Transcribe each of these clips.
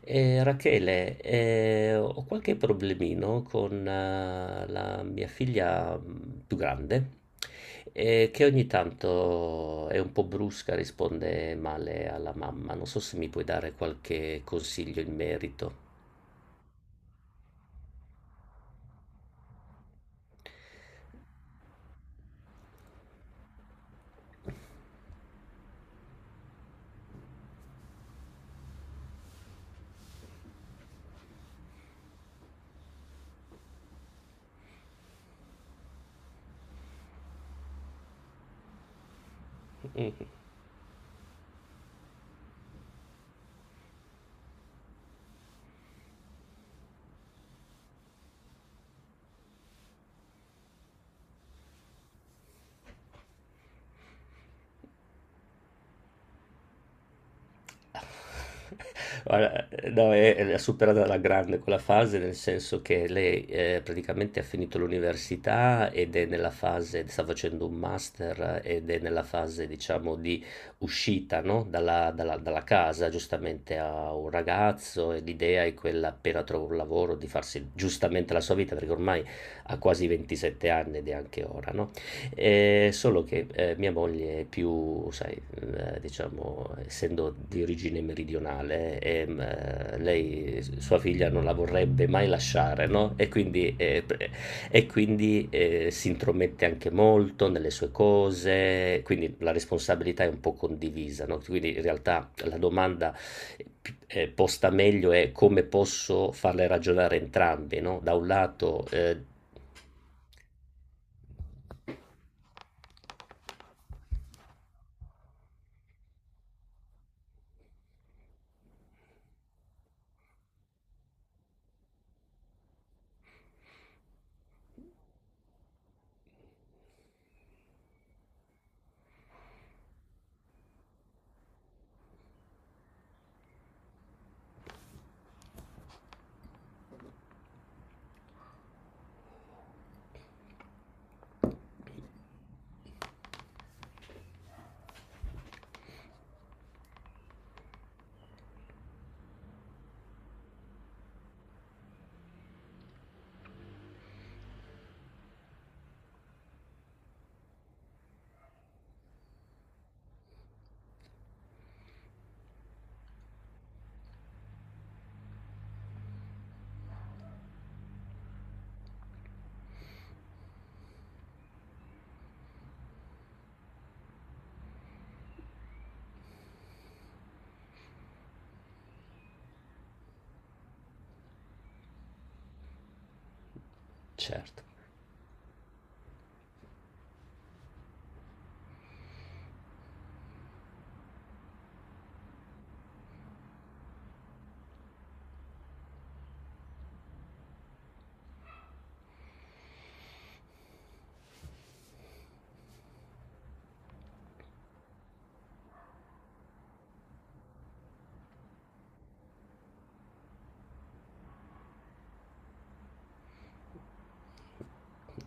Rachele, ho qualche problemino con la mia figlia più grande, che ogni tanto è un po' brusca, risponde male alla mamma. Non so se mi puoi dare qualche consiglio in merito. Guarda, no, è l'ha superata alla grande quella fase, nel senso che lei, praticamente ha finito l'università ed è nella fase sta facendo un master ed è nella fase, diciamo, di uscita, no, dalla casa. Giustamente ha un ragazzo e l'idea è quella, appena trova un lavoro, di farsi giustamente la sua vita, perché ormai ha quasi 27 anni ed è anche ora, no? Solo che, mia moglie è più, sai, diciamo, essendo di origine meridionale, lei s sua figlia non la vorrebbe mai lasciare, no, e quindi pre e quindi, si intromette anche molto nelle sue cose, quindi la responsabilità è un po' condivisa, no, quindi in realtà la domanda p posta meglio è: come posso farle ragionare entrambi, no, da un lato, certo.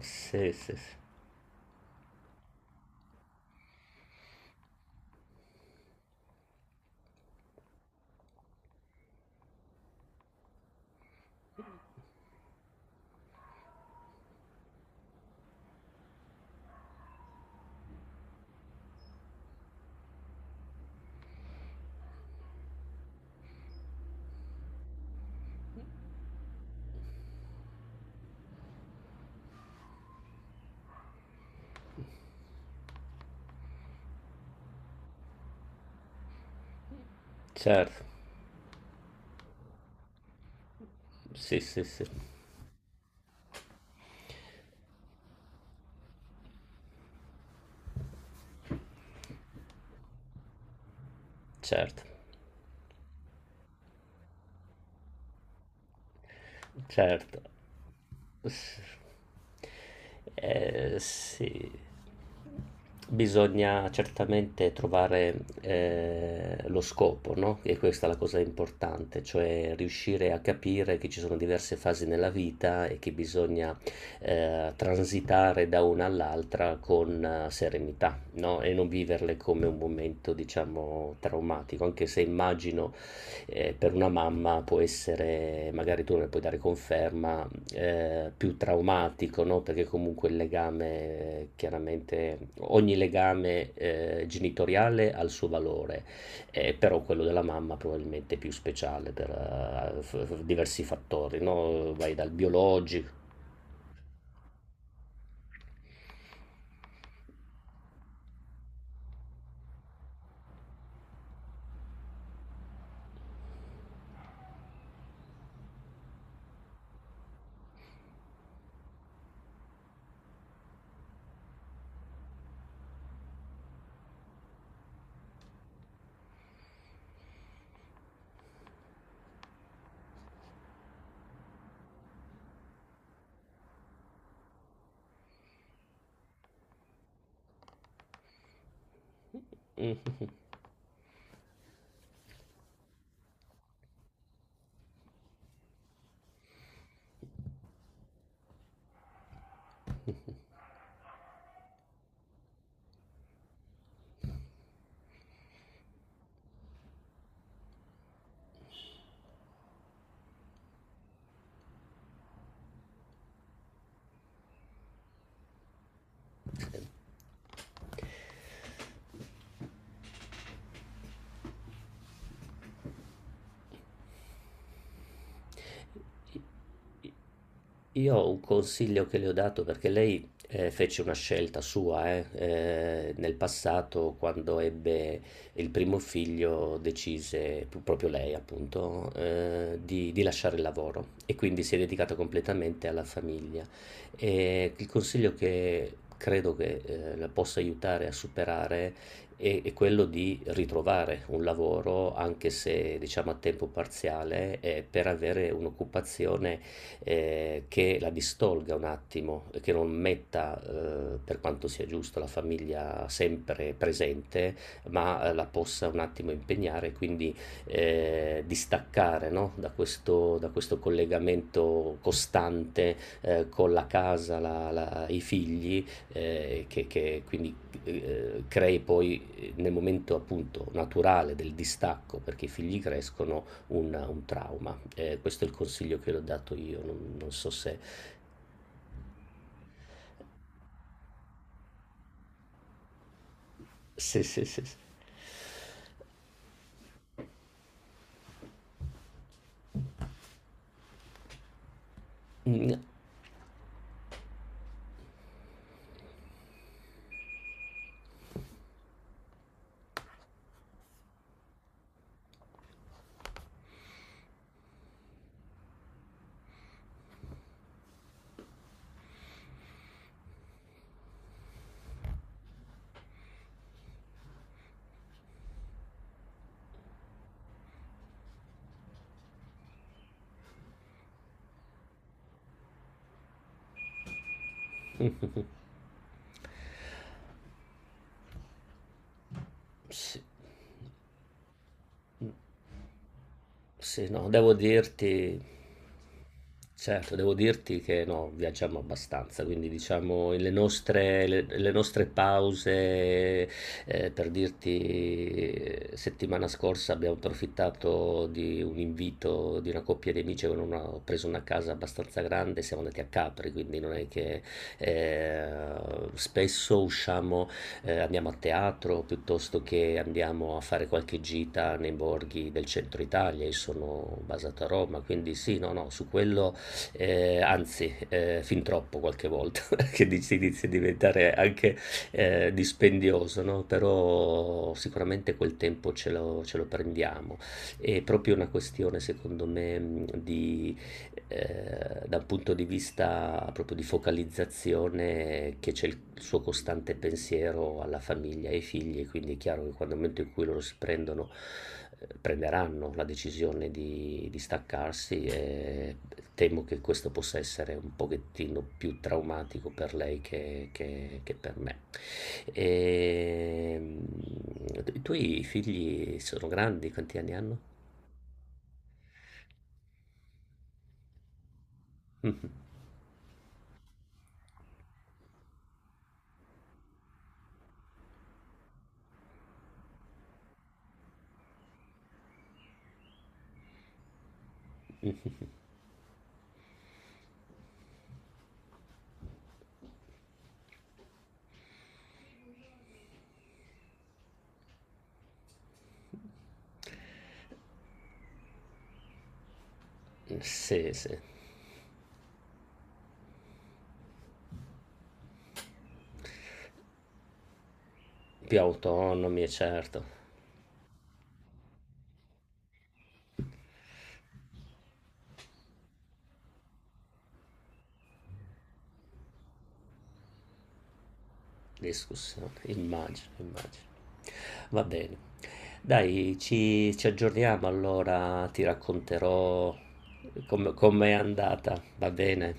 Sì, sì, sì. Certo, sì, sì, sì, certo, certo. Sì, bisogna certamente trovare lo scopo, no? E questa è la cosa importante, cioè riuscire a capire che ci sono diverse fasi nella vita e che bisogna transitare da una all'altra con serenità, no? E non viverle come un momento, diciamo, traumatico, anche se immagino per una mamma può essere, magari tu ne puoi dare conferma, più traumatico, no? Perché comunque il legame, chiaramente, ogni legame genitoriale ha il suo valore, però quello della mamma probabilmente è più speciale per diversi fattori, no? Vai dal biologico. Mhm. Io ho un consiglio che le ho dato perché lei fece una scelta sua, nel passato quando ebbe il primo figlio decise, proprio lei appunto, di lasciare il lavoro e quindi si è dedicata completamente alla famiglia. E il consiglio che credo che la possa aiutare a superare e quello di ritrovare un lavoro, anche se diciamo a tempo parziale, per avere un'occupazione che la distolga un attimo, che non metta, per quanto sia giusto, la famiglia sempre presente, ma la possa un attimo impegnare, quindi distaccare no? Da questo collegamento costante con la casa, i figli che quindi crei poi nel momento appunto naturale del distacco perché i figli crescono un trauma. Questo è il consiglio che ho dato io, non so se... se. Mm, sì. Sì, no, devo dirti, certo, devo dirti che no, viaggiamo abbastanza, quindi diciamo le nostre, le nostre pause, per dirti, settimana scorsa abbiamo approfittato di un invito di una coppia di amici che hanno preso una casa abbastanza grande, siamo andati a Capri, quindi non è che eh, spesso usciamo andiamo a teatro piuttosto che andiamo a fare qualche gita nei borghi del centro Italia. Io sono basato a Roma, quindi sì, no, no, su quello anzi, fin troppo qualche volta, inizia a diventare anche dispendioso, no? Però sicuramente quel tempo ce lo prendiamo. È proprio una questione, secondo me, di da un punto di vista proprio di focalizzazione che c'è il suo costante pensiero alla famiglia e ai figli, quindi è chiaro che quando nel momento in cui loro si prendono, prenderanno la decisione di staccarsi, temo che questo possa essere un pochettino più traumatico per lei che per me. E, i tuoi figli sono grandi, quanti anni hanno? Sì, sì. Più autonomi, e certo, discussione, immagino, immagino. Va bene. Dai, ci aggiorniamo allora, ti racconterò come, com'è andata, va bene?